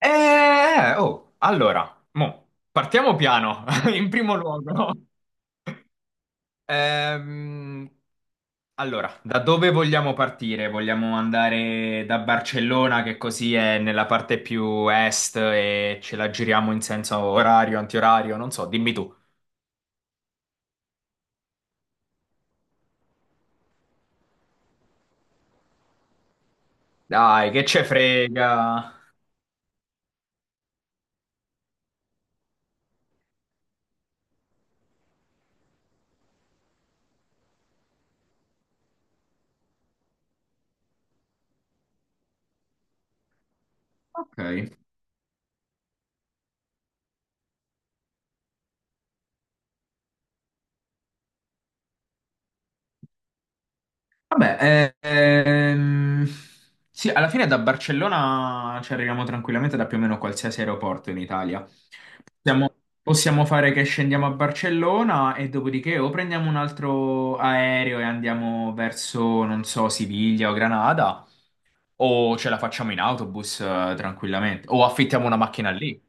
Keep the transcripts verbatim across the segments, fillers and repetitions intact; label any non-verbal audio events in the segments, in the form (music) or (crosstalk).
Eh, eh, oh, allora, mo, partiamo piano, (laughs) in primo luogo. Ehm, allora, da dove vogliamo partire? Vogliamo andare da Barcellona, che così è nella parte più est e ce la giriamo in senso orario, antiorario, non so, dimmi tu. Dai, che ce frega. Ok. Vabbè, eh, ehm, sì, alla fine da Barcellona ci arriviamo tranquillamente da più o meno qualsiasi aeroporto in Italia. Possiamo, possiamo fare che scendiamo a Barcellona e dopodiché o prendiamo un altro aereo e andiamo verso, non so, Siviglia o Granada, o ce la facciamo in autobus, eh, tranquillamente, o affittiamo una macchina lì.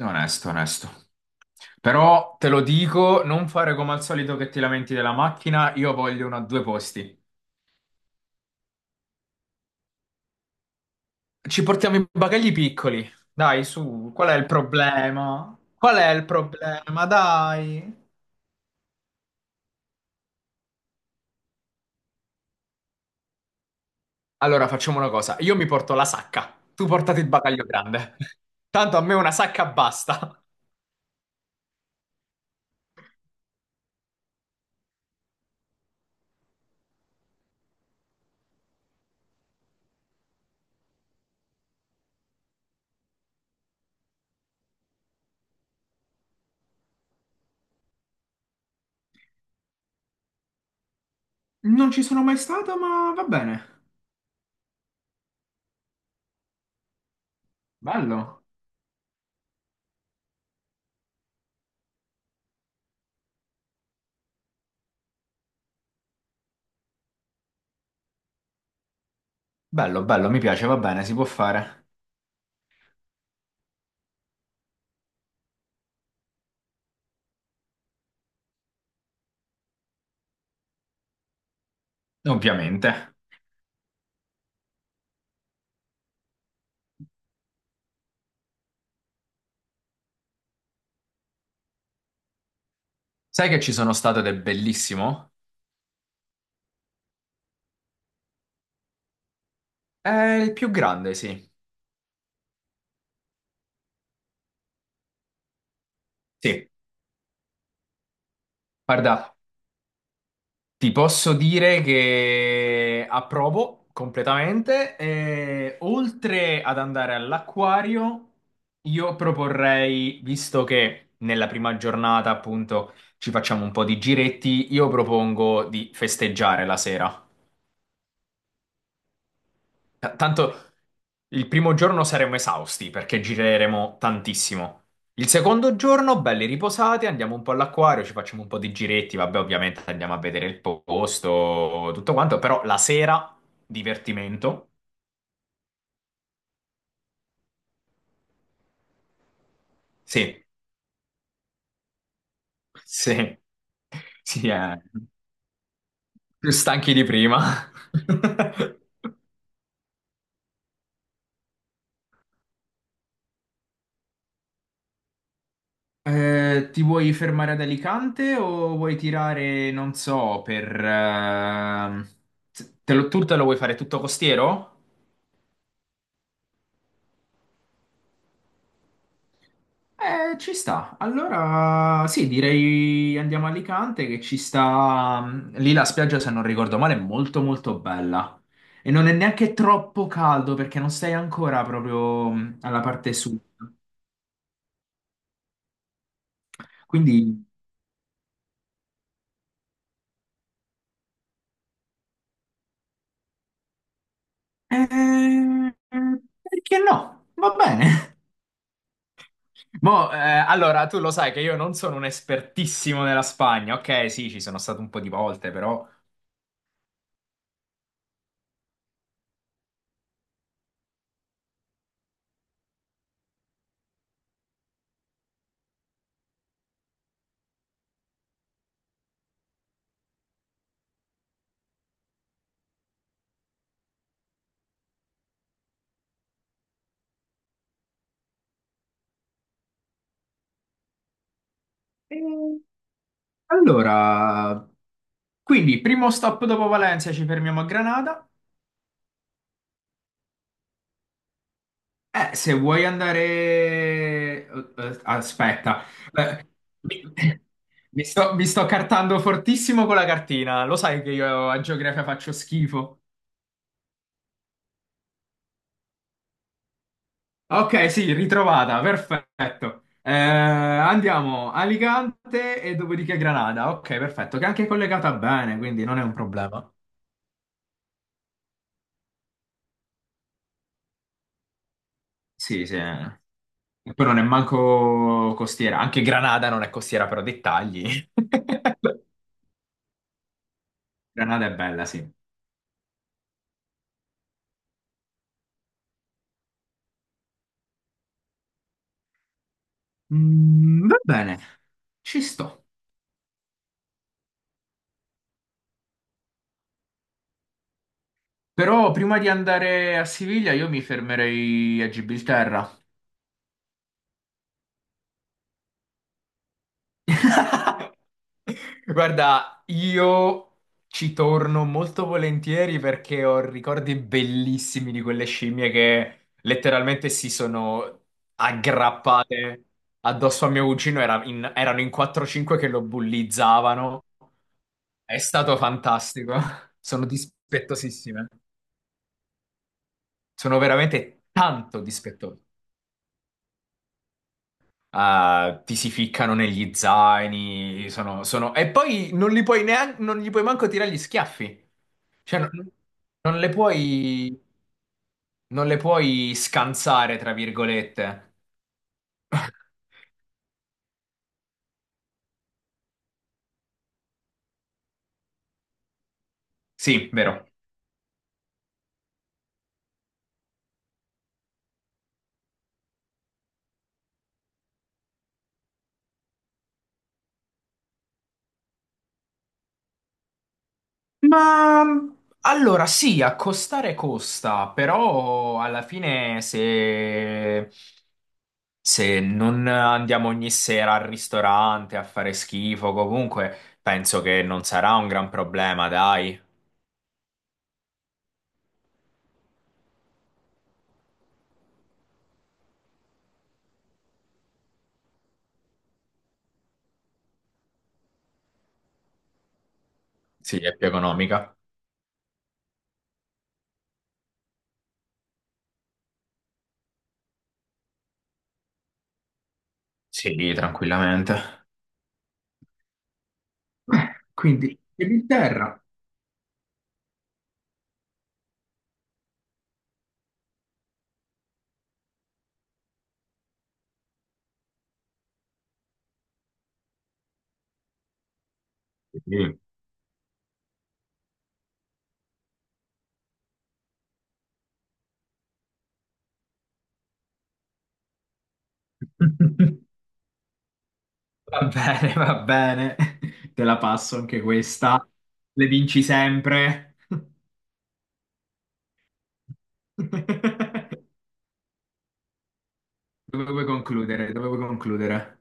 Onesto, onesto. Però te lo dico, non fare come al solito che ti lamenti della macchina, io voglio una a due posti. Ci portiamo i bagagli piccoli. Dai, su, qual è il problema? Qual è il problema? Dai. Allora facciamo una cosa, io mi porto la sacca, tu portati il bagaglio grande. (laughs) Tanto a me una sacca basta. Non ci sono mai stato, ma va bene. Bello. Bello, bello, mi piace, va bene, si può fare. Ovviamente. Sai che ci sono stato ed è bellissimo? È il più grande, sì. Sì, guarda, ti posso dire che approvo completamente. E oltre ad andare all'acquario, io proporrei, visto che nella prima giornata appunto ci facciamo un po' di giretti, io propongo di festeggiare la sera. T- Tanto il primo giorno saremo esausti perché gireremo tantissimo. Il secondo giorno, belli riposati, andiamo un po' all'acquario, ci facciamo un po' di giretti, vabbè, ovviamente andiamo a vedere il posto, tutto quanto, però la sera, divertimento. Sì, sì, sì, eh, più stanchi di prima. (laughs) Eh, ti vuoi fermare ad Alicante o vuoi tirare, non so, per... ehm, Te lo- tu te lo vuoi fare tutto costiero? Eh, ci sta. Allora, sì, direi andiamo a Alicante che ci sta... mm, lì la spiaggia, se non ricordo male, è molto molto bella. E non è neanche troppo caldo perché non sei ancora proprio mh, alla parte sud. Quindi... eh, perché no? Va bene. (laughs) Mo, eh, allora, tu lo sai che io non sono un espertissimo nella Spagna. Ok, sì, ci sono stato un po' di volte, però... Eh, Allora, quindi, primo stop dopo Valencia, ci fermiamo a Granada. Eh, se vuoi andare... eh, eh, aspetta. Eh, mi, (laughs) mi sto, mi sto cartando fortissimo con la cartina. Lo sai che io a geografia faccio schifo. Ok, sì, ritrovata, perfetto. Eh, andiamo a Alicante e dopodiché Granada. Ok, perfetto, che è anche collegata bene, quindi non è un problema. Sì, sì. E poi non è manco costiera. Anche Granada non è costiera, però dettagli. (laughs) Granada è bella, sì. Mm, va bene, ci sto. Però prima di andare a Siviglia io mi fermerei a Gibilterra. (laughs) Guarda, io ci torno molto volentieri perché ho ricordi bellissimi di quelle scimmie che letteralmente si sono aggrappate addosso a mio cugino. Era in- erano in quattro cinque che lo bullizzavano. È stato fantastico. (laughs) Sono dispettosissime. Sono veramente tanto dispettose. Eh, ti si ficcano negli zaini, sono, sono- e poi non li puoi neanche, non gli puoi manco tirare gli schiaffi. Cioè, non, non le puoi, non le puoi scansare, tra virgolette. (laughs) Sì, vero. Ma allora sì, accostare costa, però alla fine se, se non andiamo ogni sera al ristorante a fare schifo, comunque penso che non sarà un gran problema, dai. Sì, è più economica. Sì, tranquillamente. Eh, quindi, Inghilterra. Sì. (laughs) Va bene, va bene. Te la passo anche questa. Le vinci sempre. Dove vuoi concludere? Dove vuoi concludere?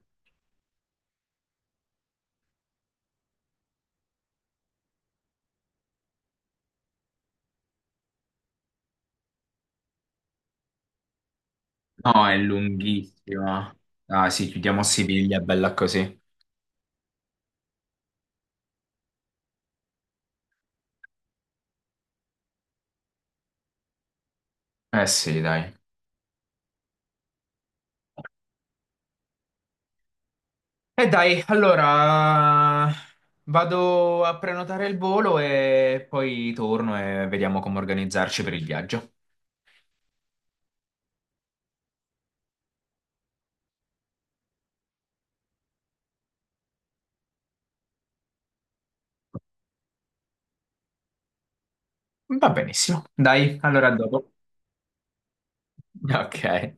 No, è lunghissima. Ah sì, chiudiamo a Siviglia, bella così. Eh sì, dai. E dai, allora vado a prenotare il volo e poi torno e vediamo come organizzarci per il viaggio. Va benissimo. Dai, allora a dopo. Ok.